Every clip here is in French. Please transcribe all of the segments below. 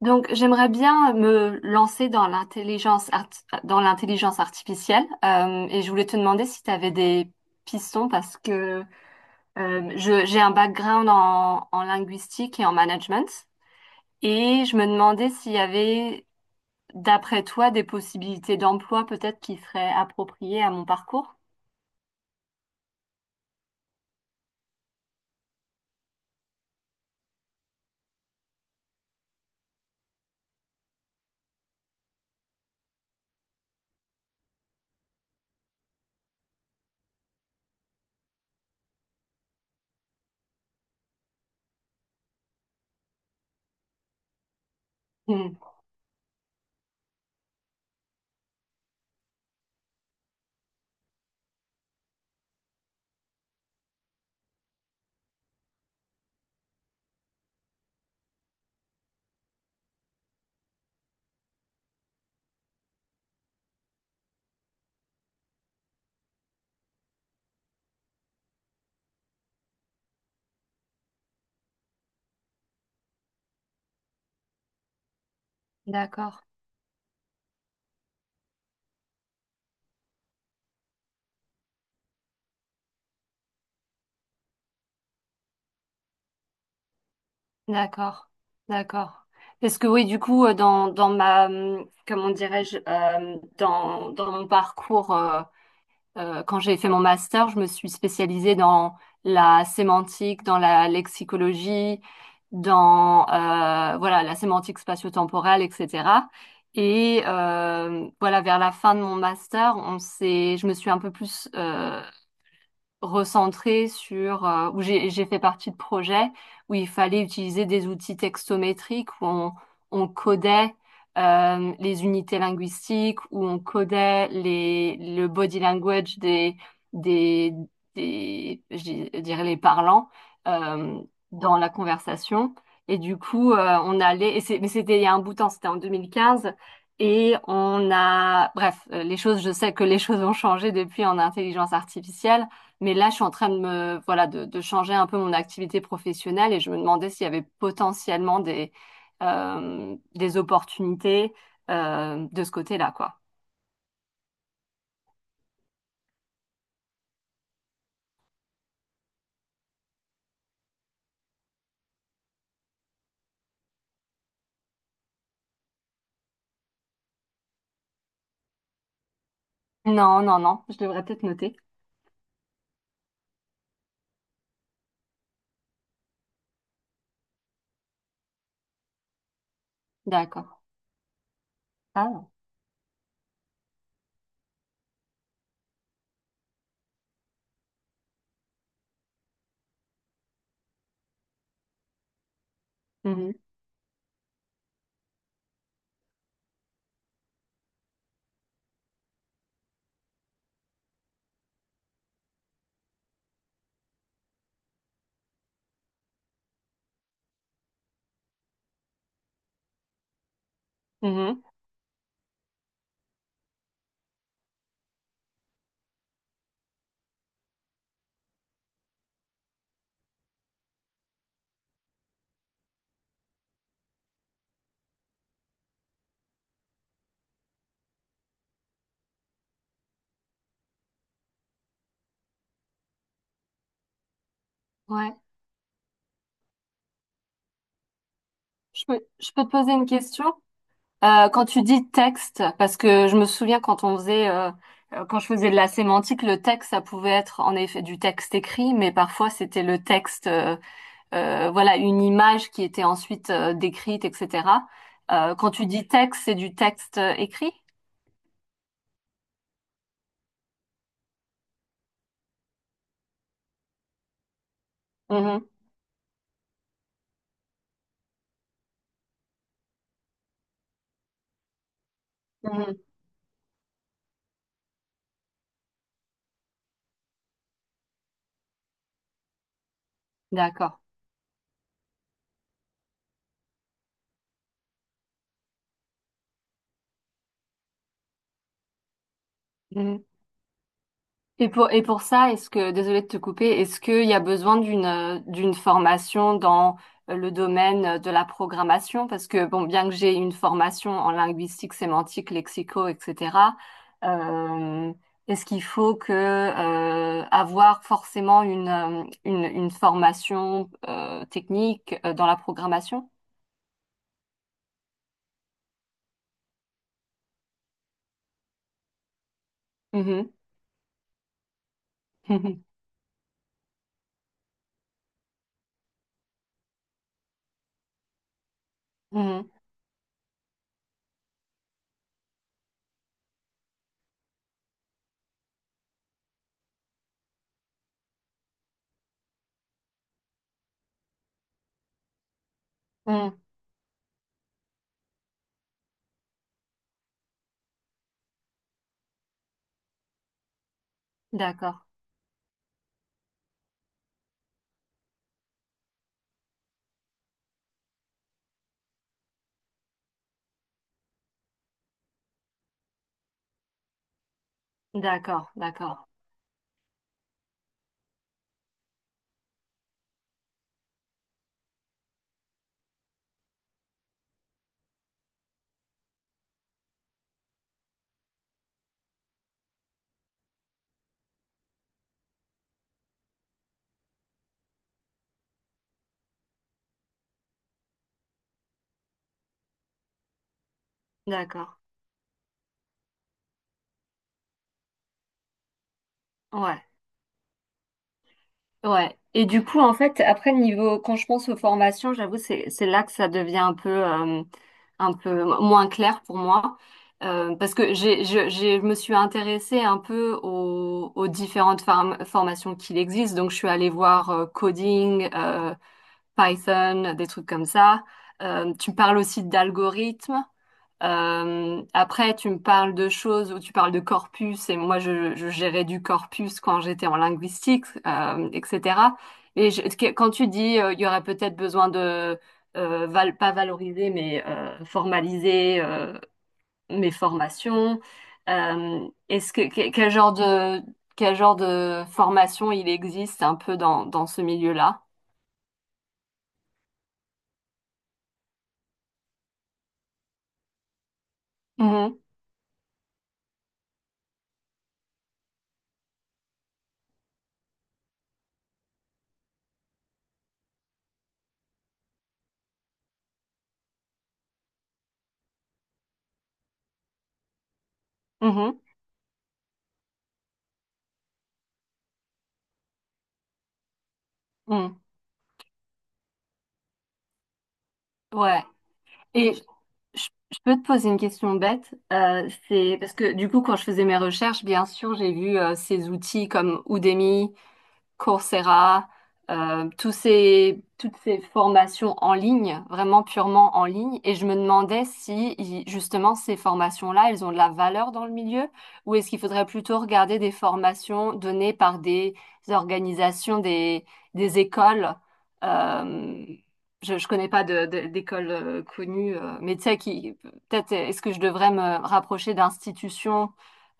Donc, j'aimerais bien me lancer dans l'intelligence dans l'intelligence artificielle, et je voulais te demander si tu avais des pistons parce que j'ai un background en linguistique et en management, et je me demandais s'il y avait, d'après toi, des possibilités d'emploi peut-être qui seraient appropriées à mon parcours. Hmm. D'accord, d'accord, d'accord. Parce que oui, du coup, comment dirais-je, dans mon parcours. Quand j'ai fait mon master, je me suis spécialisée dans la sémantique, dans la lexicologie, dans voilà, la sémantique spatio-temporelle, etc. Et voilà, vers la fin de mon master, je me suis un peu plus, recentrée sur, où j'ai fait partie de projets où il fallait utiliser des outils textométriques où on codait, les unités linguistiques où on codait les le body language des des je dirais les parlants, euh, dans la conversation. Et du coup, on allait et c'est- mais c'était il y a un bout de temps, c'était en 2015. Et bref, les choses, je sais que les choses ont changé depuis en intelligence artificielle, mais là, je suis en train voilà, de changer un peu mon activité professionnelle, et je me demandais s'il y avait potentiellement des opportunités, de ce côté-là, quoi. Non, non, non, je devrais peut-être noter. D'accord. Ah. Mhm, mhm. Ouais. Je peux te poser une question? Quand tu dis texte, parce que je me souviens quand je faisais de la sémantique, le texte, ça pouvait être en effet du texte écrit, mais parfois c'était le texte, voilà, une image qui était ensuite, décrite, etc. Quand tu dis texte, c'est du texte écrit? Mhm, mhm. D'accord. Mhm. Et pour ça, est-ce que, désolée de te couper, est-ce qu'il y a besoin d'une formation dans, le domaine de la programmation? Parce que, bon, bien que j'ai une formation en linguistique, sémantique, lexico, etc., euh, est-ce qu'il faut que, avoir forcément une formation, technique, dans la programmation? Mhm. Mhm. Mhm. D'accord, d'accord, d'accord, d'accord. Ouais. Ouais. Et du coup, en fait, après, niveau, quand je pense aux formations, j'avoue, c'est là que ça devient un peu moins clair pour moi. Parce que je me suis intéressée un peu aux différentes formations qu'il existe. Donc, je suis allée voir, coding, Python, des trucs comme ça. Tu parles aussi d'algorithmes. Après, tu me parles de choses où tu parles de corpus, et moi, je gérais du corpus quand j'étais en linguistique, etc. Et quand tu dis, il y aurait peut-être besoin de, pas valoriser, mais formaliser, mes formations, euh, est-ce que, que- quel genre de, quel genre de formation il existe un peu dans ce milieu-là? Mhm, mhm, mhm. Ouais. Et je peux te poser une question bête, c'est parce que du coup quand je faisais mes recherches, bien sûr j'ai vu, ces outils comme Udemy, Coursera, toutes ces formations en ligne, vraiment purement en ligne. Et je me demandais si i- justement ces formations-là, elles ont de la valeur dans le milieu, ou est-ce qu'il faudrait plutôt regarder des formations données par des organisations, des écoles. euh, je connais pas d'école, connue, mais tu sais qui peut-être est-ce que je devrais me rapprocher d'institutions,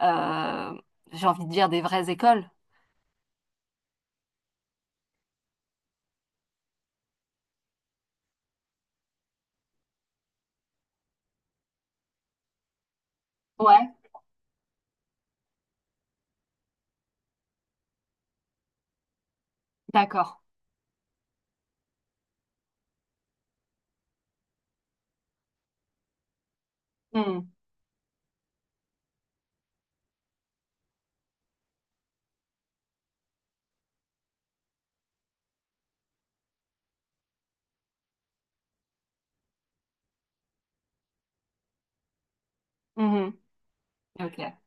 euh, j'ai envie de dire des vraies écoles? Ouais, d'accord. Mhm. Mhm. Ok.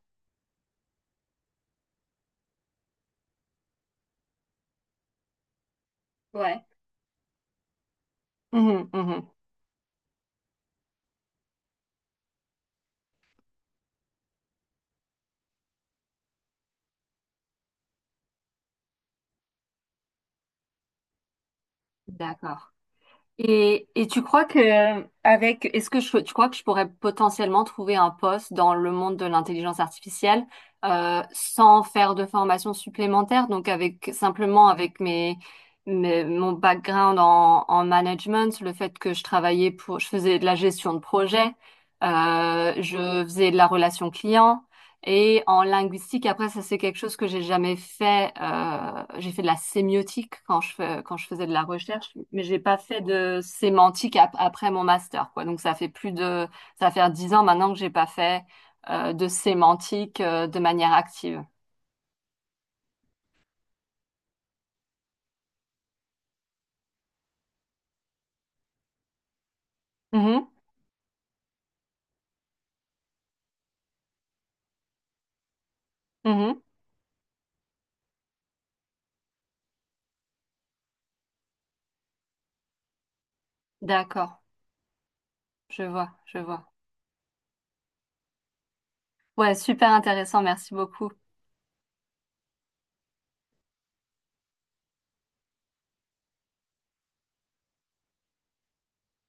Ouais. Mhm, mhm. D'accord. Et tu crois que avec est-ce que je, tu crois que je pourrais potentiellement trouver un poste dans le monde de l'intelligence artificielle, sans faire de formation supplémentaire, donc avec simplement avec mon background en management, le fait que je travaillais pour je faisais de la gestion de projet, je faisais de la relation client. Et en linguistique, après, ça c'est quelque chose que j'ai jamais fait. J'ai fait de la sémiotique quand je faisais de la recherche, mais j'ai pas fait de sémantique après mon master, quoi. Donc ça fait plus de, ça va faire 10 ans maintenant que j'ai pas fait de sémantique, de manière active. Mhm, mhm. D'accord, je vois, je vois. Ouais, super intéressant, merci beaucoup.